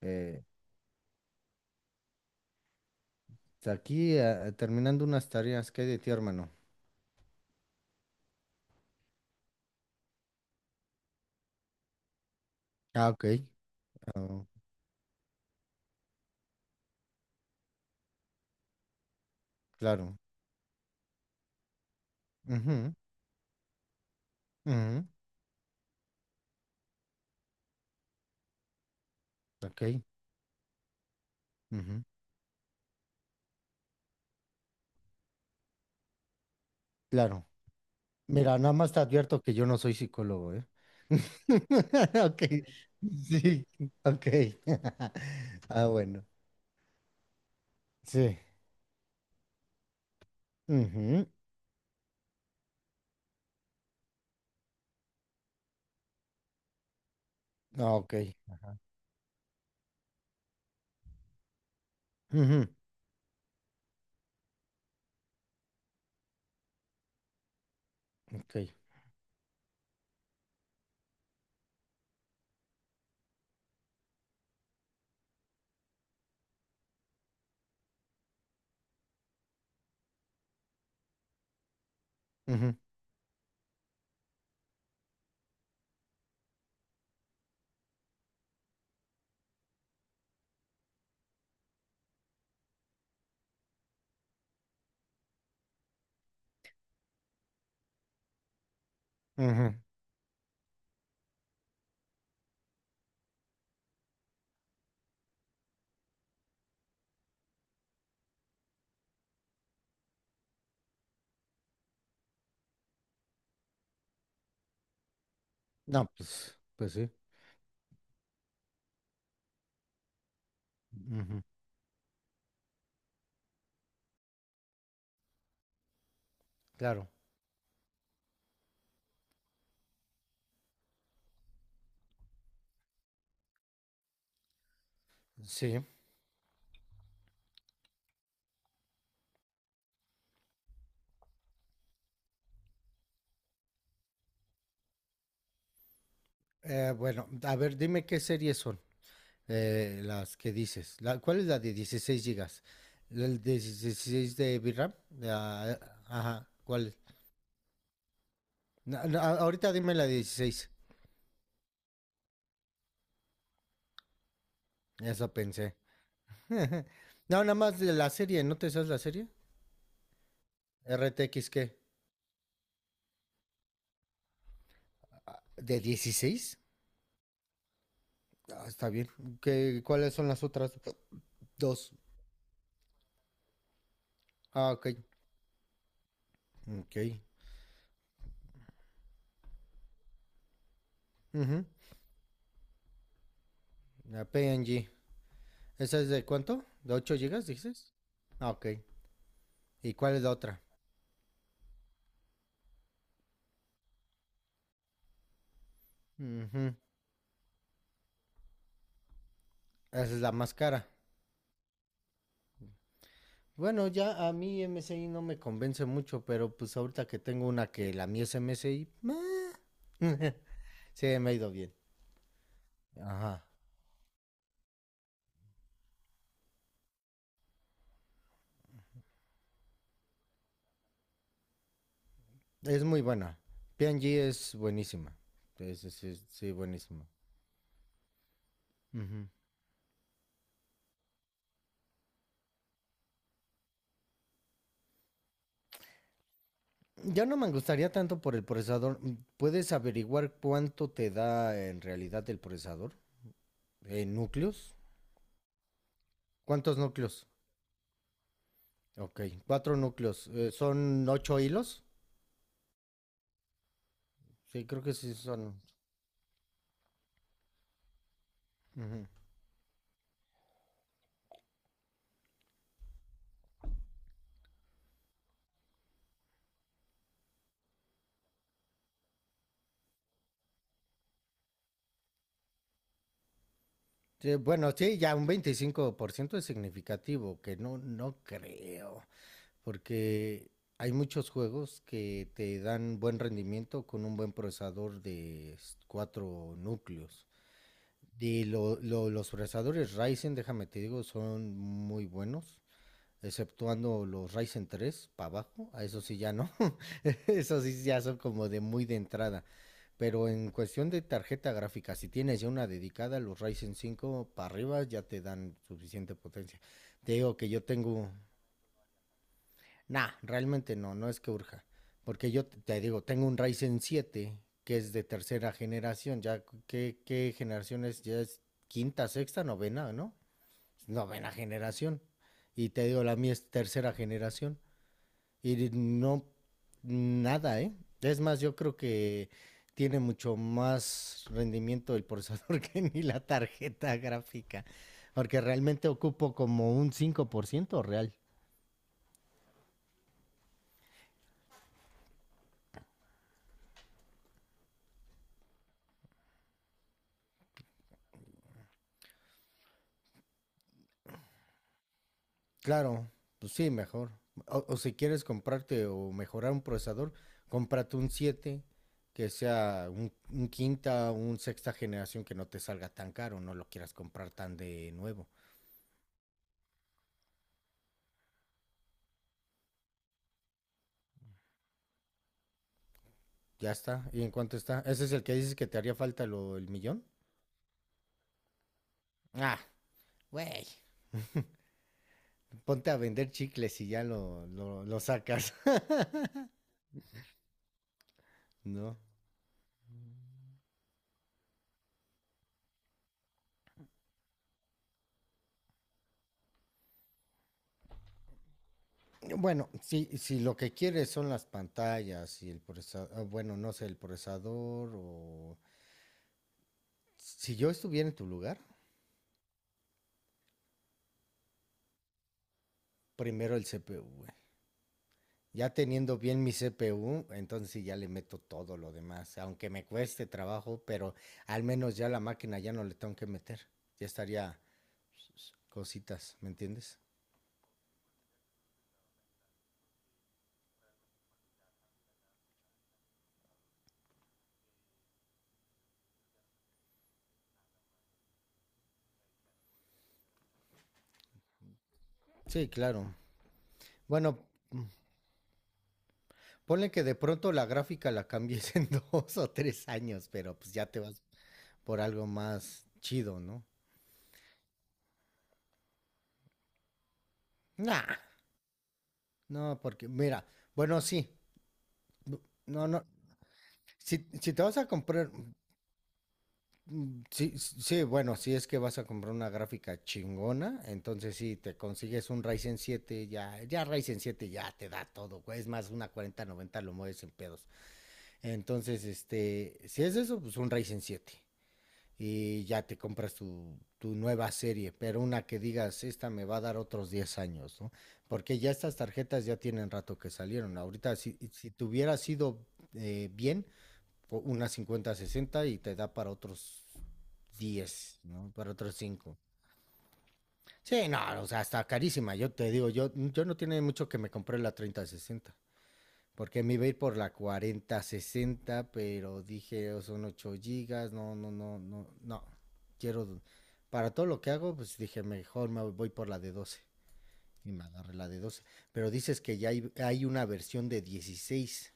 Eh, aquí terminando unas tareas que hay de ti, hermano. Ah, ok. Ah, claro. Ujú, ujú, ok. Ujú, claro. Mira, nada más te advierto que yo no soy psicólogo, ¿eh? Ok. Sí, ok. Ah, bueno. Sí. Ujú, ah, ok. Ujú, ok. Ujú, ujú. No, pues sí. Ujú, claro. Sí. Bueno, a ver, dime qué series son. Las que dices. ¿Cuál es la de 16 gigas? ¿El de 16 de VRAM? Ah, ajá, ¿cuál es? No, no, ahorita dime la de 16. Eso pensé. No, nada más de la serie, ¿no te sabes la serie? RTX, ¿qué? ¿De 16? Ah, está bien. ¿Cuáles son las otras? Dos. Ah, ok. Ok. Ujú. La PNG. ¿Esa es de cuánto? ¿De 8 gigas, dices? Ah, ok. ¿Y cuál es la otra? Ujú. Esa es la más cara. Bueno, ya a mí MSI no me convence mucho, pero pues ahorita que tengo una que la mía es MSI, meh. Sí, me ha ido bien. Ajá, es muy buena. PNG es buenísima. Sí, sí, sí, sí, buenísima. Ujú. Ya no me gustaría tanto por el procesador. ¿Puedes averiguar cuánto te da en realidad el procesador? ¿En núcleos? ¿Cuántos núcleos? Ok, cuatro núcleos. ¿Son ocho hilos? Sí, creo que sí son. Ujú. Sí, bueno, sí, ya un 25% es significativo, que no, no creo, porque hay muchos juegos que te dan buen rendimiento con un buen procesador de cuatro núcleos. Y los procesadores Ryzen, déjame te digo, son muy buenos. Exceptuando los Ryzen 3 para abajo, a eso sí ya no. Eso sí ya son como de muy de entrada. Pero en cuestión de tarjeta gráfica, si tienes ya una dedicada, los Ryzen 5 para arriba ya te dan suficiente potencia. Te digo que yo tengo... Nah, realmente no, no es que urja. Porque yo digo, tengo un Ryzen 7 que es de tercera generación. Ya, ¿qué generación es? Ya es quinta, sexta, novena, ¿no? Novena generación. Y te digo, la mía es tercera generación. Y no, nada, ¿eh? Es más, yo creo que tiene mucho más rendimiento el procesador que ni la tarjeta gráfica, porque realmente ocupo como un 5% real. Claro, pues sí, mejor. O si quieres comprarte o mejorar un procesador, cómprate un 7 que sea un quinta o un sexta generación que no te salga tan caro, no lo quieras comprar tan de nuevo. Ya está. ¿Y en cuánto está? ¿Ese es el que dices que te haría falta el millón? Ah, güey, ponte a vender chicles y ya lo sacas. ¿No? Bueno, si lo que quieres son las pantallas y el procesador, bueno, no sé, el procesador o... Si yo estuviera en tu lugar, primero el CPU, güey. Ya teniendo bien mi CPU, entonces sí ya le meto todo lo demás, aunque me cueste trabajo, pero al menos ya la máquina ya no le tengo que meter. Ya estaría cositas, ¿me entiendes? Sí, claro. Bueno, ponle que de pronto la gráfica la cambies en dos o tres años, pero pues ya te vas por algo más chido, ¿no? Nah, no, porque mira, bueno, sí, bu- no, no, si te vas a comprar, sí, sí, bueno, si es que vas a comprar una gráfica chingona, entonces sí, te consigues un Ryzen 7 ya, Ryzen siete ya te da todo, güey, es más, una 4090 lo mueves en pedos. Entonces, si es eso, pues un Ryzen 7. Y ya te compras tu nueva serie, pero una que digas, esta me va a dar otros 10 años, ¿no? Porque ya estas tarjetas ya tienen rato que salieron. Ahorita, si te hubiera sido bien, una 5060 y te da para otros diez, ¿no? Para otros cinco. Sí, no, o sea, está carísima. Yo te digo, yo no tiene mucho que me compré la 3060 porque me iba a ir por la 4060, pero dije, "Oh, son 8 gigas, no, no, no, no, no. Quiero, para todo lo que hago", pues dije, mejor me voy por la de 12. Y me agarré la de 12. Pero dices que ya hay una versión de 16.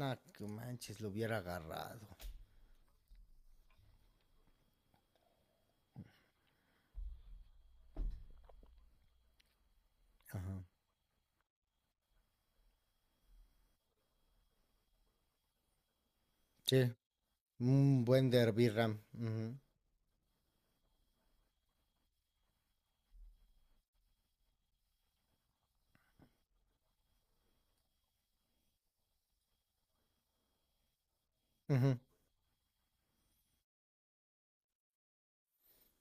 No, que manches, lo hubiera agarrado. Ajá. Sí, un buen Derby RAM. Ujú, ujú,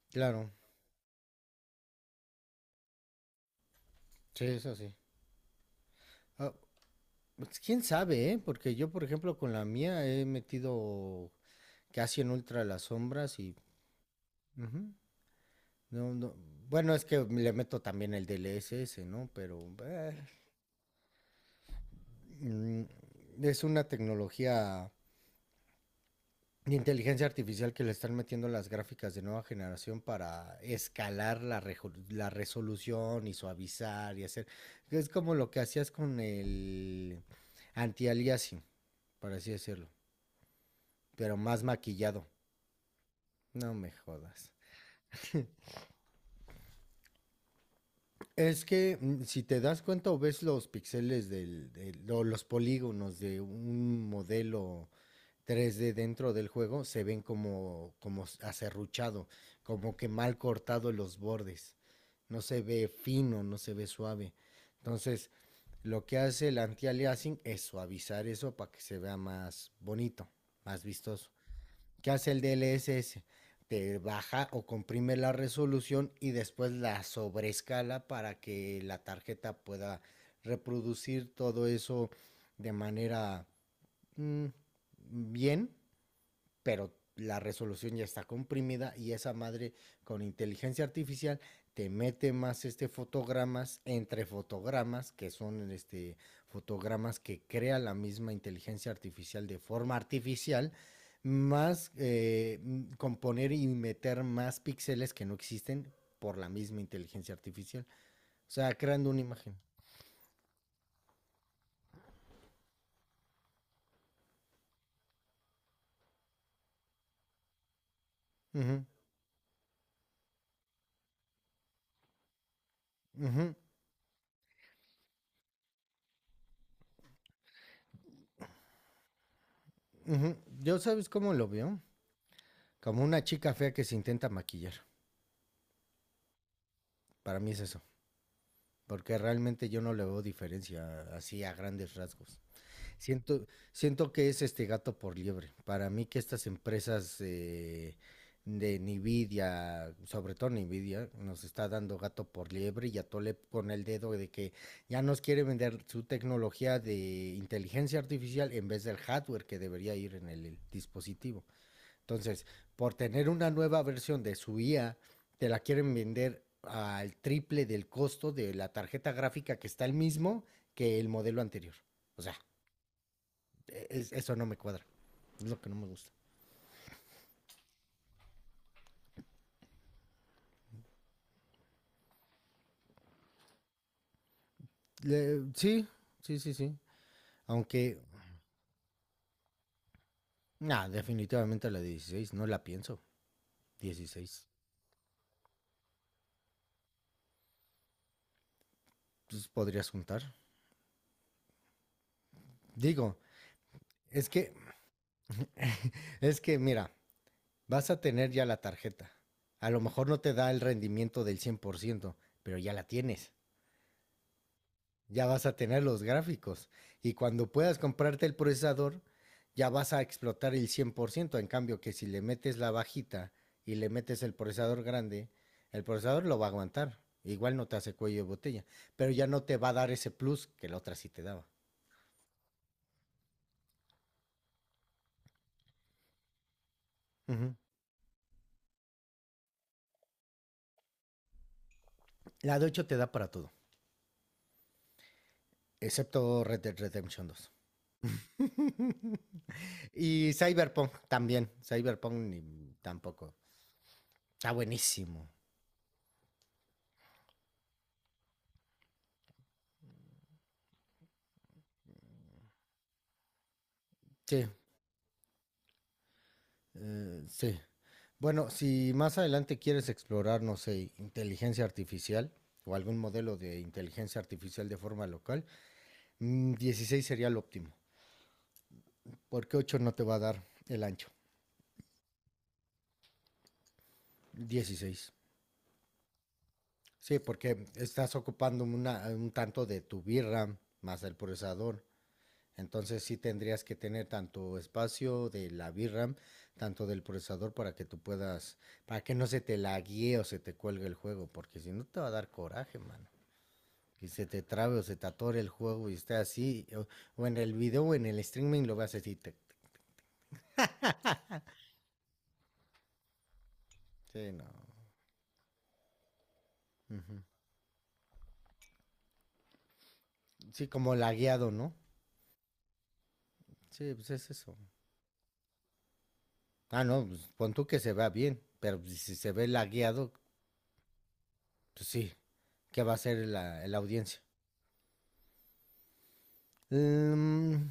claro, sí, eso sí. Ah, pues, quién sabe, ¿eh? Porque yo, por ejemplo, con la mía he metido casi en ultra las sombras y... Ujú. No, no. Bueno, es que le meto también el DLSS, ¿no? Pero mm, es una tecnología de inteligencia artificial que le están metiendo las gráficas de nueva generación para escalar la resolución y suavizar y hacer. Es como lo que hacías con el anti-aliasing, por así decirlo, pero más maquillado. No me jodas. Es que si te das cuenta o ves los píxeles o los polígonos de un modelo 3D dentro del juego, se ven como, acerruchado, como que mal cortado los bordes. No se ve fino, no se ve suave. Entonces, lo que hace el anti-aliasing es suavizar eso para que se vea más bonito, más vistoso. ¿Qué hace el DLSS? Te baja o comprime la resolución y después la sobreescala para que la tarjeta pueda reproducir todo eso de manera mm, bien, pero la resolución ya está comprimida y esa madre con inteligencia artificial te mete más fotogramas entre fotogramas que son fotogramas que crea la misma inteligencia artificial de forma artificial, más componer y meter más píxeles que no existen por la misma inteligencia artificial, o sea creando una imagen. Ujú, ujú, ujú. Yo, sabes cómo lo veo, como una chica fea que se intenta maquillar. Para mí es eso, porque realmente yo no le veo diferencia así a grandes rasgos. Siento, siento que es este gato por liebre. Para mí que estas empresas de Nvidia, sobre todo Nvidia, nos está dando gato por liebre y atole con el dedo de que ya nos quiere vender su tecnología de inteligencia artificial en vez del hardware que debería ir en el dispositivo. Entonces, por tener una nueva versión de su IA, te la quieren vender al triple del costo de la tarjeta gráfica que está el mismo que el modelo anterior. O sea, eso no me cuadra. Es lo que no me gusta. Sí, sí, sí, sí. Aunque, nah, definitivamente la 16 no la pienso. 16. Pues podrías juntar. Digo, es que, es que, mira, vas a tener ya la tarjeta. A lo mejor no te da el rendimiento del 100%, pero ya la tienes. Ya vas a tener los gráficos. Y cuando puedas comprarte el procesador, ya vas a explotar el 100%. En cambio, que si le metes la bajita y le metes el procesador grande, el procesador lo va a aguantar. Igual no te hace cuello de botella, pero ya no te va a dar ese plus que la otra sí te daba. Ujú. La de 8 te da para todo, excepto Red Dead Redemption dos. Y Cyberpunk también. Cyberpunk tampoco. Está buenísimo. Sí. Sí. Bueno, si más adelante quieres explorar, no sé, inteligencia artificial o algún modelo de inteligencia artificial de forma local, 16 sería el óptimo, porque 8 no te va a dar el ancho. 16. Sí, porque estás ocupando un tanto de tu VRAM más el procesador. Entonces sí tendrías que tener tanto espacio de la VRAM, tanto del procesador para que tú puedas, para que no se te laguee o se te cuelgue el juego, porque si no te va a dar coraje, mano. Que se te trabe o se te atore el juego y esté así, o en el video o en el streaming lo veas sí, no. Ujú. Sí, como lagueado, ¿no? Sí, pues es eso. Ah, no, pues pon tú que se vea bien, pero pues si se ve lagueado, pues sí, ¿qué va a hacer la audiencia? Mm,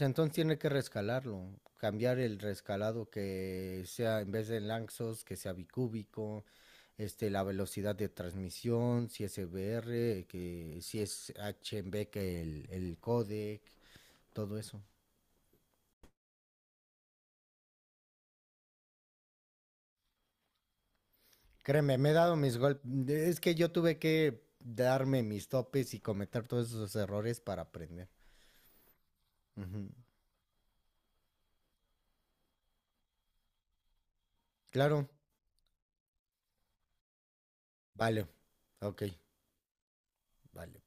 O entonces tiene que rescalarlo, cambiar el rescalado que sea en vez de laxos, que sea bicúbico, la velocidad de transmisión, si es EBR, que si es HMB, que el codec, todo eso. Créeme, me he dado mis golpes. Es que yo tuve que darme mis topes y cometer todos esos errores para aprender. Ujú. Claro, vale. Ok, vale.